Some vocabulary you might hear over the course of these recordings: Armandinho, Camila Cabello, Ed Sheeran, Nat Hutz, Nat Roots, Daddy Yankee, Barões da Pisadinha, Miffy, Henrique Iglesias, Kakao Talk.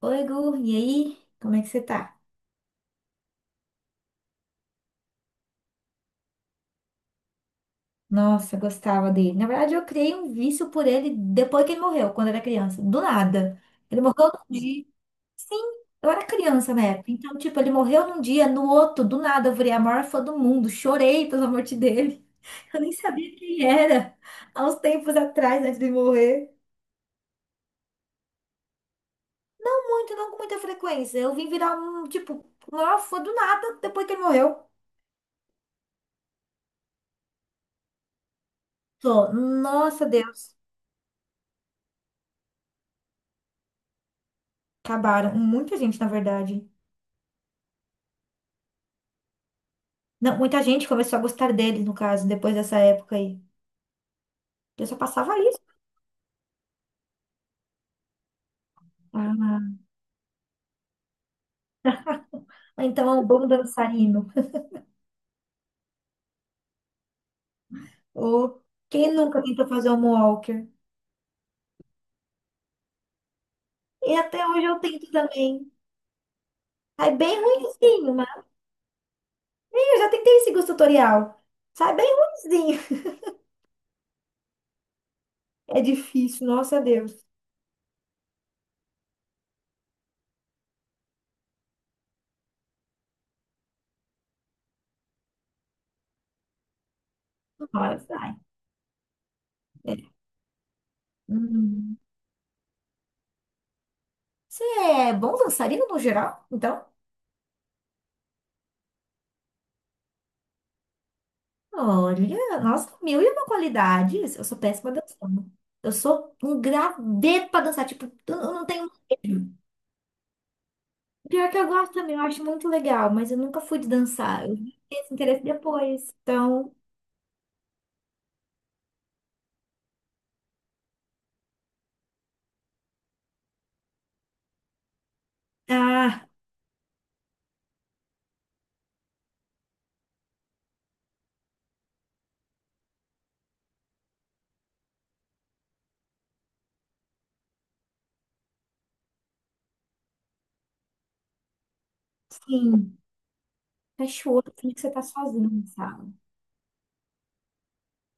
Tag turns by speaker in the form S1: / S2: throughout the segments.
S1: Oi, Gu, e aí? Como é que você tá? Nossa, gostava dele. Na verdade, eu criei um vício por ele depois que ele morreu, quando eu era criança. Do nada. Ele morreu num dia. Sim, eu era criança na época. Então, tipo, ele morreu num dia, no outro, do nada, eu virei a maior fã do mundo. Chorei pela morte dele. Eu nem sabia quem era. Há uns tempos atrás, antes de morrer. Não muito, não com muita frequência. Eu vim virar um, tipo, maior fã do nada depois que ele morreu. Tô, nossa, Deus. Acabaram. Muita gente, na verdade. Não, muita gente começou a gostar deles, no caso, depois dessa época aí. Eu só passava isso. Ah, então é um bom dançarino. Ou quem nunca tentou fazer um walker? E até hoje eu tento também. Sai bem ruinzinho, mas eu já tentei esse gosto tutorial. Sai bem ruinzinho. É difícil, nossa Deus. Olha, sai. É. Hum. Você é bom dançarino no geral, então? Olha, nossa, mil e uma qualidades. Eu sou péssima dançando. Eu sou um graveto pra dançar. Tipo, eu não tenho medo. Pior que eu gosto também, eu acho muito legal, mas eu nunca fui de dançar. Eu vi esse interesse depois. Então, ah, sim. Fecha o olho, finge que você tá sozinho na sala.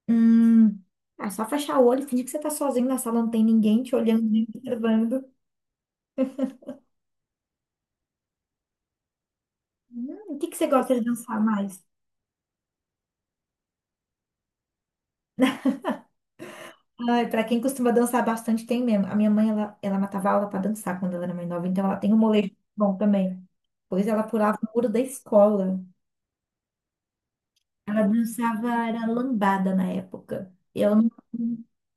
S1: Hum. Ah, só fechar o olho, finge que você tá sozinho na sala, não tem ninguém te olhando, nem te observando. O que que você gosta de dançar mais? Ai, pra quem costuma dançar bastante, tem mesmo. A minha mãe, ela matava aula pra dançar quando ela era mais nova, então ela tem um molejo bom também. Pois ela pulava o muro da escola. Ela dançava, era lambada na época. Eu não.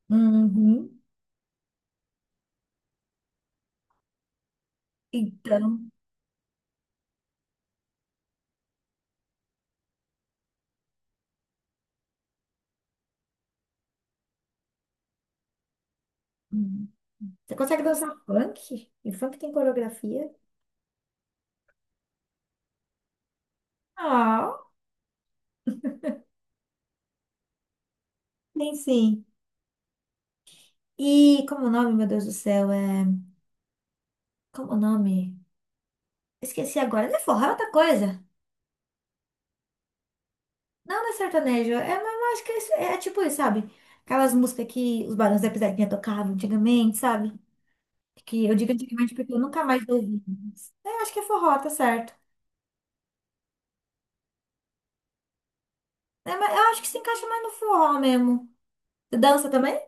S1: Uhum. Então. Hum. Você consegue dançar funk? E funk tem coreografia? Ah, tem sim. E como o nome, meu Deus do céu, é. Como o nome? Esqueci agora. Não é forró, é outra coisa. Não, não é sertanejo. É, mas eu acho que é, é tipo isso, sabe? Aquelas músicas que os Barões da Pisadinha tocavam antigamente, sabe? Que eu digo antigamente porque eu nunca mais ouvi. Mas é, eu acho que é forró, tá certo. É, mas eu acho que se encaixa mais no forró mesmo. Você dança também?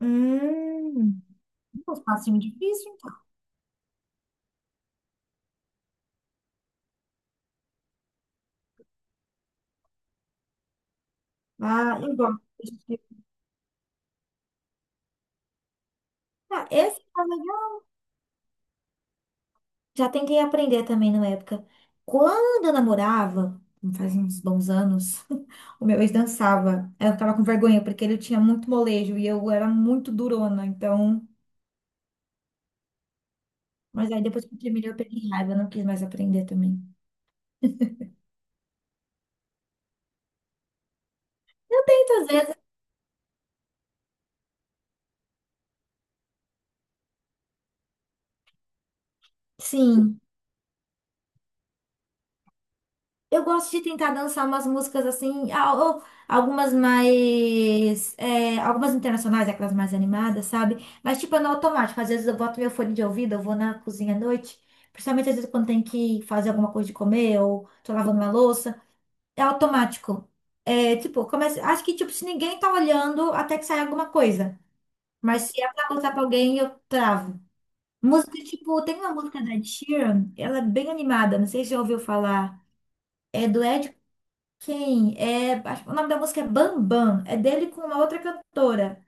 S1: Hum, um passinho difícil, então. Ah, eu gosto. Ah, esse já tentei aprender também na época. Quando eu namorava, faz uns bons anos, o meu ex dançava. Eu ficava com vergonha, porque ele tinha muito molejo e eu era muito durona, então. Mas aí depois que eu terminei, eu peguei raiva, eu não quis mais aprender também. Muitas vezes, sim. Eu gosto de tentar dançar umas músicas assim, ou algumas mais. É, algumas internacionais, aquelas mais animadas, sabe? Mas, tipo, é no automático. Às vezes eu boto meu fone de ouvido, eu vou na cozinha à noite. Principalmente às vezes quando tem que fazer alguma coisa de comer ou tô lavando uma louça. É automático. É, tipo, começa, acho que, tipo, se ninguém tá olhando, até que sai alguma coisa. Mas se é pra contar pra alguém, eu travo. Música, tipo, tem uma música da Ed Sheeran, ela é bem animada, não sei se você já ouviu falar. É do Ed quem? É, acho que o nome da música é Bambam. É dele com uma outra cantora.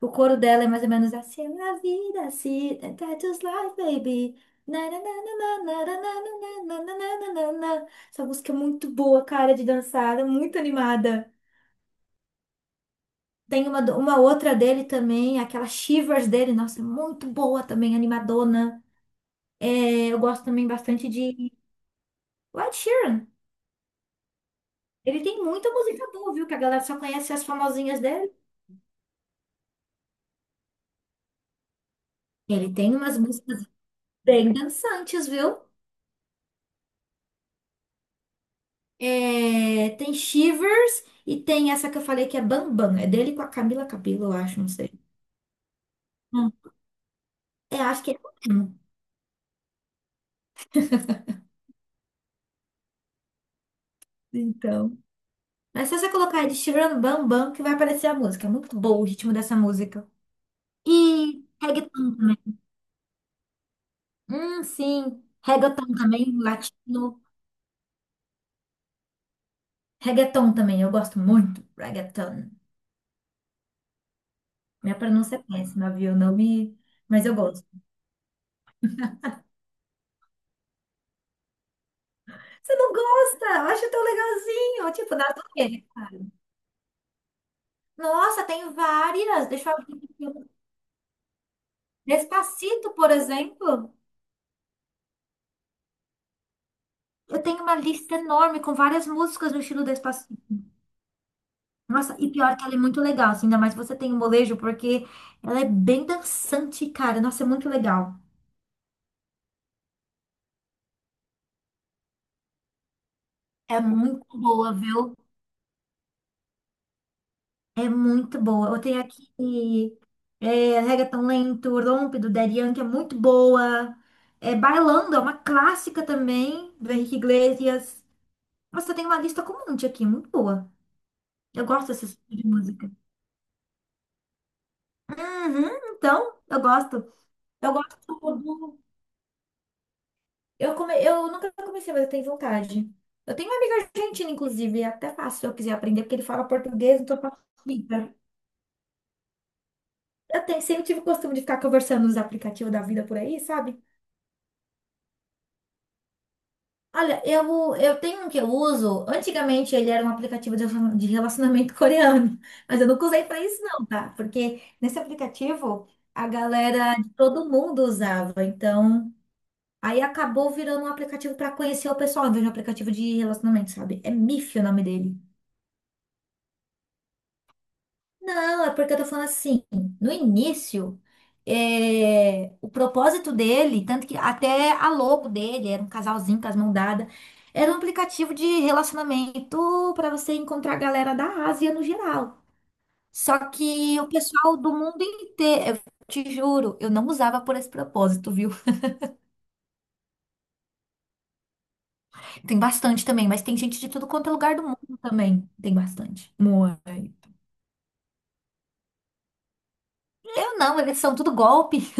S1: O coro dela é mais ou menos assim. Na vida, se that's just life, baby. Na, na, na, na, na, na, na, na, na, na, na, na, na, na. Essa música é muito boa, cara, de dançar, é muito animada. Tem uma, uma outra dele também, aquela Shivers dele, nossa, é muito boa também, animadona. É, eu gosto também bastante de Ed Sheeran. Ele tem muita música boa, viu? Que a galera só conhece as famosinhas dele. Ele tem umas músicas. Bem dançantes, viu? É, tem Shivers e tem essa que eu falei que é Bambam. É dele com a Camila Cabello, eu acho, não sei. Hum. É, acho que é o mesmo. Então. Mas se você colocar aí de Shivers no Bambam, que vai aparecer a música. É muito bom o ritmo dessa música. E reggaeton também. Sim. Reggaeton também, latino. Reggaeton também, eu gosto muito. Reggaeton. Minha pronúncia é péssima, viu? Não me... Mas eu gosto. Você não gosta? Eu acho tão legalzinho. Tipo, nada a ver. Nossa, tem várias. Deixa eu abrir aqui. Um. Despacito, por exemplo. Eu tenho uma lista enorme com várias músicas no estilo Despacito. Nossa, e pior que ela é muito legal, assim, ainda mais você tem o molejo, porque ela é bem dançante, cara. Nossa, é muito legal. É muito boa, viu? É muito boa. Eu tenho aqui é, Reggaeton Lento, Rompe, do Daddy Yankee, é muito boa. É, Bailando, é uma clássica também, do Henrique Iglesias. Nossa, tem uma lista com um monte aqui, muito boa. Eu gosto desse tipo de música. Uhum, então, eu gosto. Eu gosto do... Eu nunca comecei, mas eu tenho vontade. Eu tenho uma amiga argentina, inclusive, e é até fácil se eu quiser aprender, porque ele fala português, então facilita. Eu tenho, sempre tive o costume de ficar conversando nos aplicativos da vida por aí, sabe? Olha, eu tenho um que eu uso. Antigamente ele era um aplicativo de relacionamento coreano, mas eu nunca usei pra isso, não, tá? Porque nesse aplicativo a galera de todo mundo usava, então. Aí acabou virando um aplicativo pra conhecer o pessoal, em vez de um aplicativo de relacionamento, sabe? É Miffy o nome dele. Não, é porque eu tô falando assim, no início, é, o propósito dele, tanto que até a logo dele era um casalzinho com as mãos dadas, era um aplicativo de relacionamento pra você encontrar a galera da Ásia no geral. Só que o pessoal do mundo inteiro, eu te juro, eu não usava por esse propósito, viu? Tem bastante também, mas tem gente de tudo quanto é lugar do mundo também. Tem bastante. Moai. Eu não, eles são tudo golpe.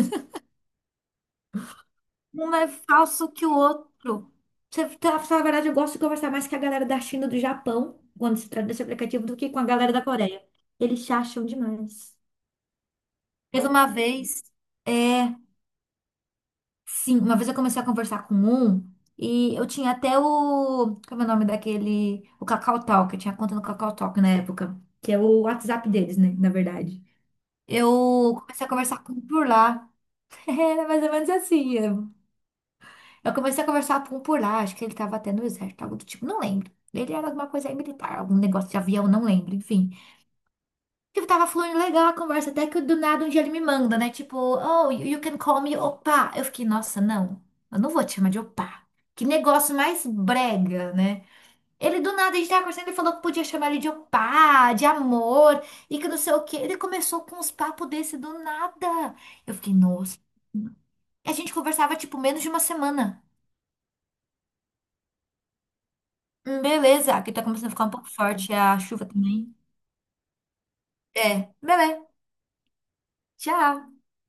S1: Um é falso que o outro. Pra falar a verdade, eu gosto de conversar mais com a galera da China e do Japão, quando se trata desse aplicativo, do que com a galera da Coreia. Eles se acham demais. Teve uma vez, é, sim, uma vez eu comecei a conversar com um e eu tinha até o, como é o nome daquele, o Kakao Talk, eu tinha conta no Kakao Talk na época, que é o WhatsApp deles, né, na verdade. Eu comecei a conversar com um por lá. Era mais ou menos assim. Eu comecei a conversar com um por lá. Acho que ele tava até no exército, algo do tipo, não lembro. Ele era alguma coisa aí militar, algum negócio de avião, não lembro, enfim. Eu tava fluindo legal a conversa, até que do nada um dia ele me manda, né? Tipo, oh, you can call me opa. Eu fiquei, nossa, não, eu não vou te chamar de opa. Que negócio mais brega, né? Ele do nada, a gente tava conversando, ele falou que podia chamar ele de opá, de amor, e que não sei o quê. Ele começou com uns papos desse do nada. Eu fiquei, nossa. A gente conversava, tipo, menos de uma semana. Beleza, aqui tá começando a ficar um pouco forte a chuva também. É, beleza. Tchau.